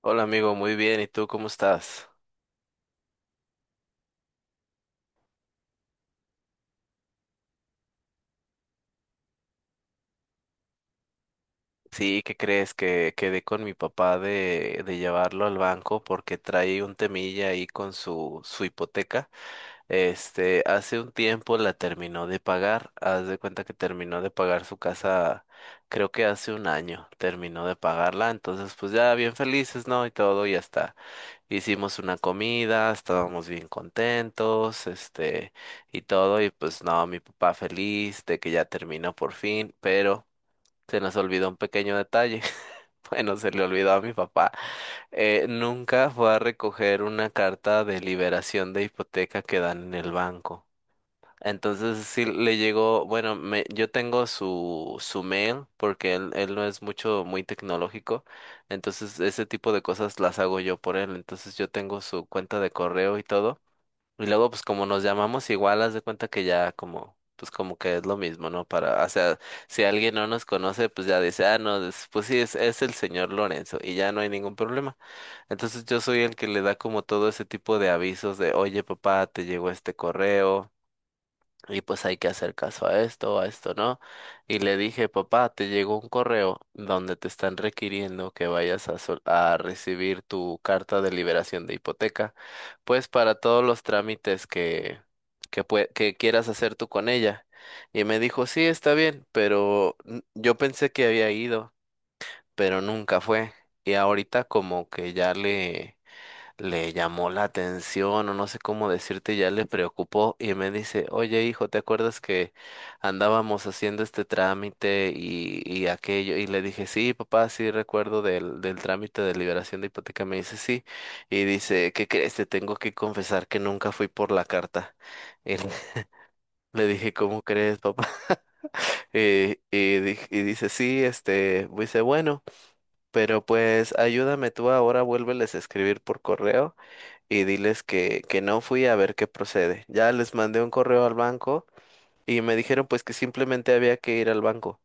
Hola amigo, muy bien. ¿Y tú cómo estás? Sí, ¿qué crees? Que quedé con mi papá de llevarlo al banco porque trae un temilla ahí con su hipoteca. Hace un tiempo la terminó de pagar. Haz de cuenta que terminó de pagar su casa, creo que hace un año terminó de pagarla. Entonces, pues ya bien felices, ¿no? Y todo, ya está. Hicimos una comida, estábamos bien contentos, y todo, y pues no, mi papá feliz de que ya terminó por fin, pero se nos olvidó un pequeño detalle. Bueno, se le olvidó a mi papá. Nunca fue a recoger una carta de liberación de hipoteca que dan en el banco. Entonces sí le llegó, bueno, yo tengo su mail porque él no es muy tecnológico, entonces ese tipo de cosas las hago yo por él. Entonces yo tengo su cuenta de correo y todo, y luego pues como nos llamamos igual, haz de cuenta que ya como, pues como que es lo mismo, ¿no? Para, o sea, si alguien no nos conoce, pues ya dice, ah, no, pues sí, es el señor Lorenzo y ya no hay ningún problema. Entonces yo soy el que le da como todo ese tipo de avisos de, oye papá, te llegó este correo y pues hay que hacer caso a esto no. Y le dije, papá, te llegó un correo donde te están requiriendo que vayas a, a recibir tu carta de liberación de hipoteca, pues para todos los trámites que quieras hacer tú con ella. Y me dijo, sí, está bien, pero yo pensé que había ido, pero nunca fue. Y ahorita como que ya le llamó la atención o no sé cómo decirte, ya le preocupó y me dice, oye hijo, ¿te acuerdas que andábamos haciendo este trámite y aquello? Y le dije, sí, papá, sí recuerdo del trámite de liberación de hipoteca. Me dice, sí, y dice, ¿qué crees? Te tengo que confesar que nunca fui por la carta. Y le le dije, ¿cómo crees, papá? Y dice, sí, dice, bueno, pero pues ayúdame tú ahora, vuélveles a escribir por correo y diles que no fui a ver qué procede. Ya les mandé un correo al banco y me dijeron pues que simplemente había que ir al banco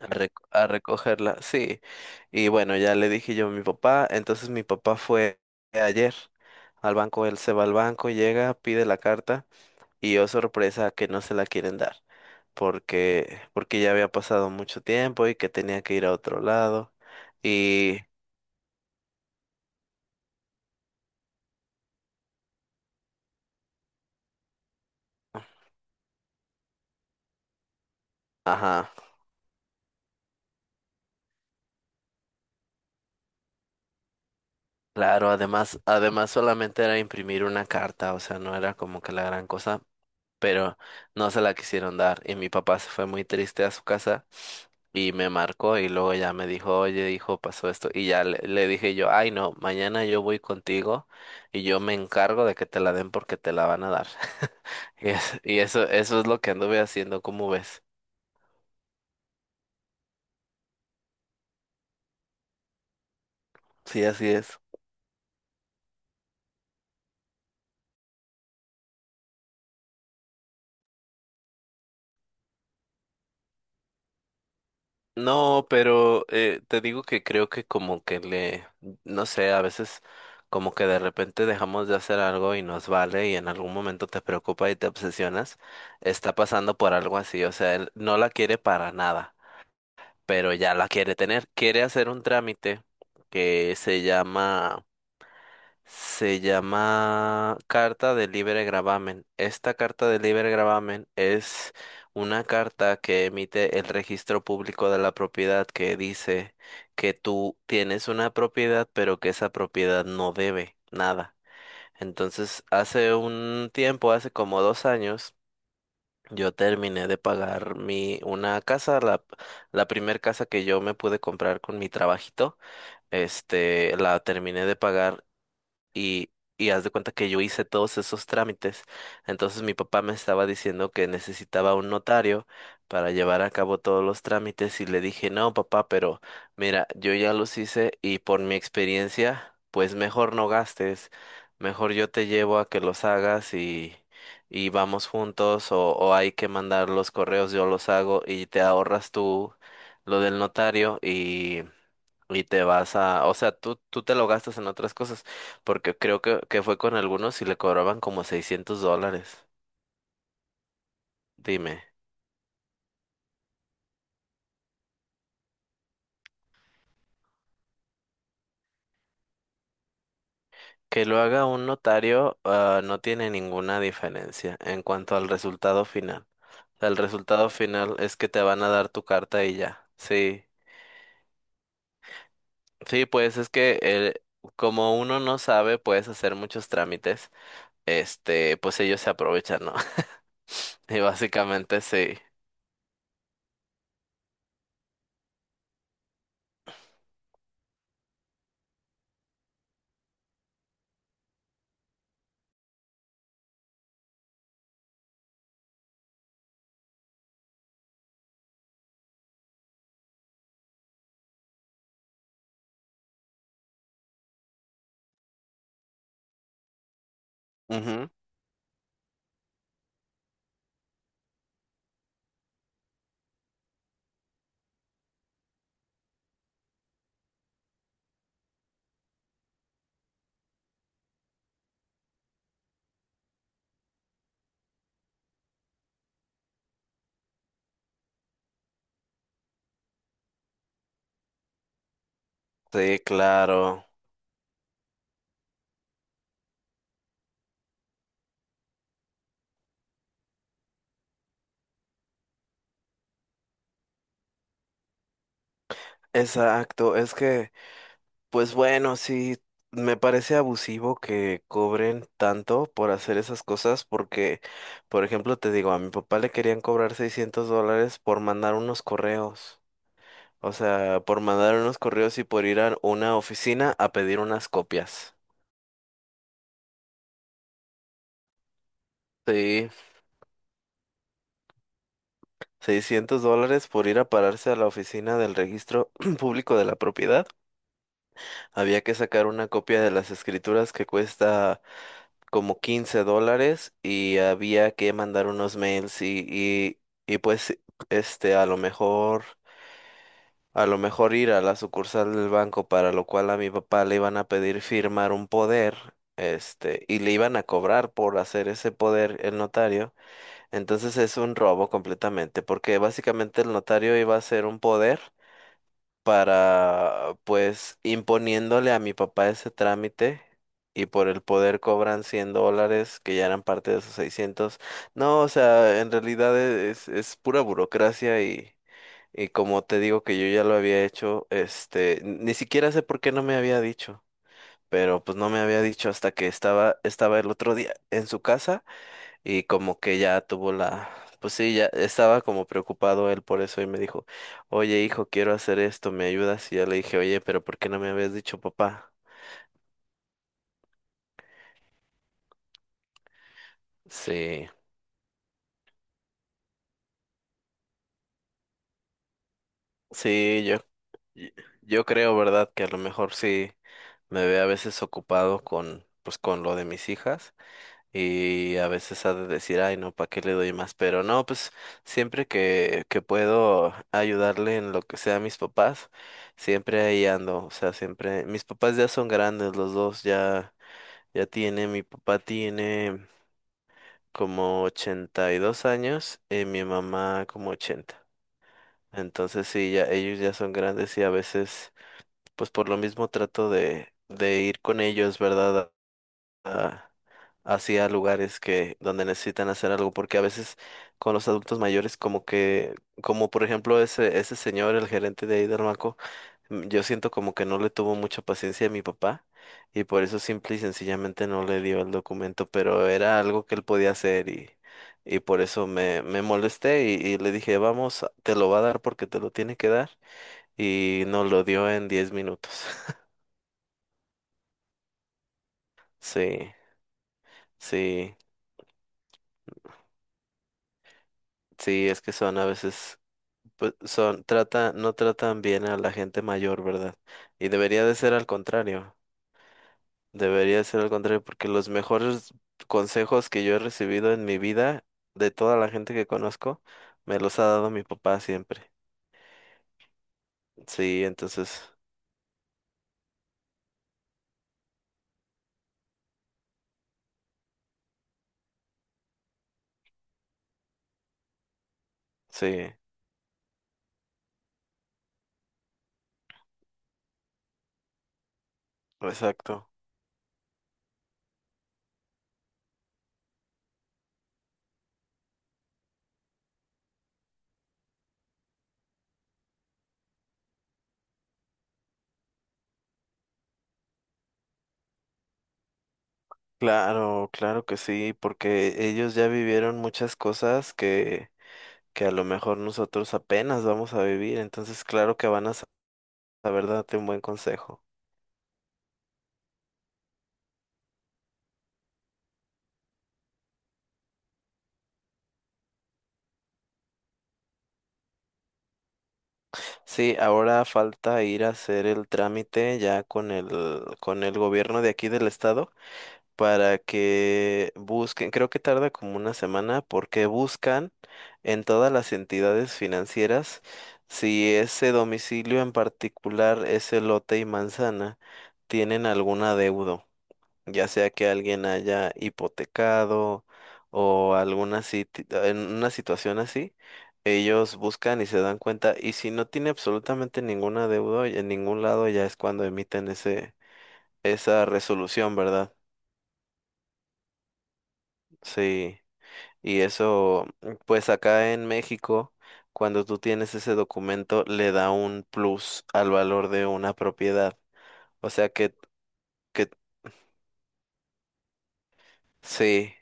a, a recogerla. Sí, y bueno, ya le dije yo a mi papá. Entonces mi papá fue ayer al banco, él se va al banco, llega, pide la carta y yo sorpresa que no se la quieren dar. Porque ya había pasado mucho tiempo y que tenía que ir a otro lado. Y, ajá. Claro, además solamente era imprimir una carta, o sea, no era como que la gran cosa, pero no se la quisieron dar y mi papá se fue muy triste a su casa y me marcó y luego ya me dijo, oye, hijo, pasó esto, y ya le dije yo, ay, no, mañana yo voy contigo y yo me encargo de que te la den porque te la van a dar. Y eso es lo que anduve haciendo, ¿cómo ves? Sí, así es. No, pero te digo que creo que como que le, no sé, a veces como que de repente dejamos de hacer algo y nos vale y en algún momento te preocupa y te obsesionas. Está pasando por algo así, o sea, él no la quiere para nada, pero ya la quiere tener, quiere hacer un trámite que se llama Carta de Libre Gravamen. Esta carta de libre gravamen es una carta que emite el Registro Público de la Propiedad que dice que tú tienes una propiedad, pero que esa propiedad no debe nada. Entonces, hace un tiempo, hace como 2 años, yo terminé de pagar mi una casa, la primer casa que yo me pude comprar con mi trabajito. La terminé de pagar y, y haz de cuenta que yo hice todos esos trámites. Entonces mi papá me estaba diciendo que necesitaba un notario para llevar a cabo todos los trámites y le dije, no, papá, pero mira, yo ya los hice y por mi experiencia, pues mejor no gastes, mejor yo te llevo a que los hagas y... Y vamos juntos o hay que mandar los correos, yo los hago y te ahorras tú lo del notario, y te vas a, o sea, tú te lo gastas en otras cosas. Porque creo que fue con algunos y le cobraban como $600. Dime, que lo haga un notario, ah, no tiene ninguna diferencia en cuanto al resultado final. O sea, el resultado final es que te van a dar tu carta y ya. Sí, sí, pues es que como uno no sabe, puedes hacer muchos trámites. Pues ellos se aprovechan, ¿no? Y básicamente sí. Ujú. Sí, claro. Exacto, es que... Pues bueno, sí, me parece abusivo que cobren tanto por hacer esas cosas porque, por ejemplo, te digo, a mi papá le querían cobrar $600 por mandar unos correos. O sea, por mandar unos correos y por ir a una oficina a pedir unas copias. Sí, $600 por ir a pararse a la oficina del Registro Público de la Propiedad. Había que sacar una copia de las escrituras que cuesta como $15 y había que mandar unos mails y pues este a lo mejor a lo mejor ir a la sucursal del banco, para lo cual a mi papá le iban a pedir firmar un poder, y le iban a cobrar por hacer ese poder el notario. Entonces es un robo completamente, porque básicamente el notario iba a hacer un poder para, pues, imponiéndole a mi papá ese trámite, y por el poder cobran $100, que ya eran parte de esos 600. No, o sea, en realidad es pura burocracia, y como te digo que yo ya lo había hecho. Ni siquiera sé por qué no me había dicho, pero pues no me había dicho hasta que estaba el otro día en su casa. Y como que ya tuvo pues sí, ya estaba como preocupado él por eso y me dijo, oye hijo, quiero hacer esto, ¿me ayudas? Y ya le dije, oye, pero ¿por qué no me habías dicho papá? Sí, sí, y- yo creo, ¿verdad? Que a lo mejor sí me ve a veces ocupado con, pues con lo de mis hijas. Y a veces ha de decir, ay, no, ¿para qué le doy más? Pero no, pues siempre que puedo ayudarle en lo que sea a mis papás, siempre ahí ando. O sea, siempre. Mis papás ya son grandes, los dos ya tienen. Mi papá tiene como 82 años y mi mamá como 80. Entonces sí, ya ellos ya son grandes y a veces, pues por lo mismo trato de ir con ellos, ¿verdad? a- Hacia lugares que donde necesitan hacer algo, porque a veces con los adultos mayores como que, como por ejemplo ese señor, el gerente de ahí del banco, yo siento como que no le tuvo mucha paciencia a mi papá y por eso simple y sencillamente no le dio el documento, pero era algo que él podía hacer, y por eso me molesté, y le dije, vamos, te lo va a dar porque te lo tiene que dar, y nos lo dio en 10 minutos. Sí, sí, sí, es que son a veces pues son, no tratan bien a la gente mayor, ¿verdad? Y debería de ser al contrario, debería de ser al contrario, porque los mejores consejos que yo he recibido en mi vida, de toda la gente que conozco, me los ha dado mi papá siempre. Sí, entonces, sí, exacto. Claro, claro que sí, porque ellos ya vivieron muchas cosas que a lo mejor nosotros apenas vamos a vivir, entonces claro que van a saber darte un buen consejo. Sí, ahora falta ir a hacer el trámite ya con el gobierno de aquí del estado para que busquen, creo que tarda como una semana, porque buscan en todas las entidades financieras si ese domicilio en particular, ese lote y manzana, tienen algún adeudo, ya sea que alguien haya hipotecado o alguna en una situación así. Ellos buscan y se dan cuenta, y si no tiene absolutamente ninguna deuda en ningún lado, ya es cuando emiten esa resolución, ¿verdad? Sí, y eso, pues acá en México, cuando tú tienes ese documento, le da un plus al valor de una propiedad. O sea que sí.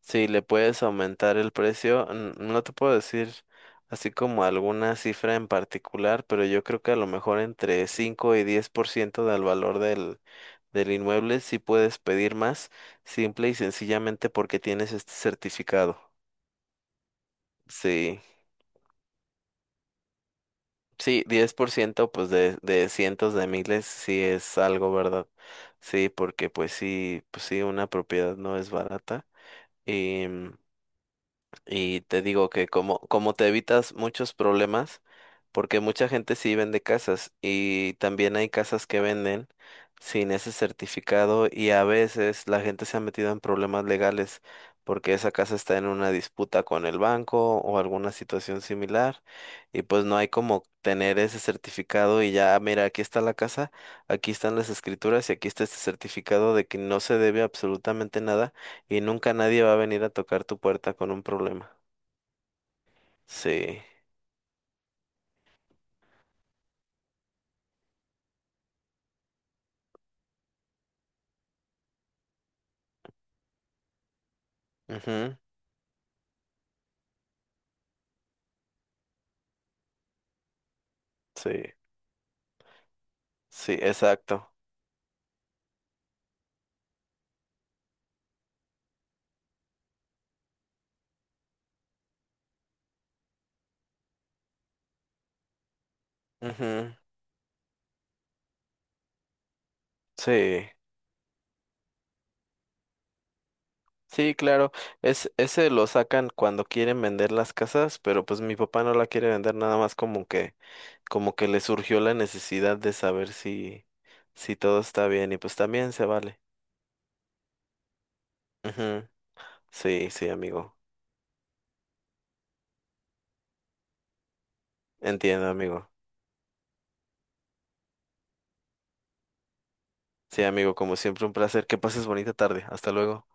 Si le puedes aumentar el precio, no te puedo decir así como alguna cifra en particular, pero yo creo que a lo mejor entre 5 y 10% del valor del inmueble sí puedes pedir más, simple y sencillamente porque tienes este certificado. Sí, sí, 10%, pues de cientos de miles sí es algo, ¿verdad? Sí, porque pues sí, una propiedad no es barata. Y te digo que como te evitas muchos problemas, porque mucha gente sí vende casas y también hay casas que venden sin ese certificado y a veces la gente se ha metido en problemas legales porque esa casa está en una disputa con el banco o alguna situación similar, y pues no hay como tener ese certificado y ya, mira, aquí está la casa, aquí están las escrituras y aquí está este certificado de que no se debe absolutamente nada y nunca nadie va a venir a tocar tu puerta con un problema. Sí. Ujú. Sí. Sí, exacto. Ujú. Sí. Sí, claro. Ese lo sacan cuando quieren vender las casas, pero pues mi papá no la quiere vender nada más como que, le surgió la necesidad de saber si todo está bien. Y pues también se vale. Ujú. Sí, sí, amigo. Entiendo, amigo. Sí, amigo, como siempre, un placer. Que pases bonita tarde. Hasta luego.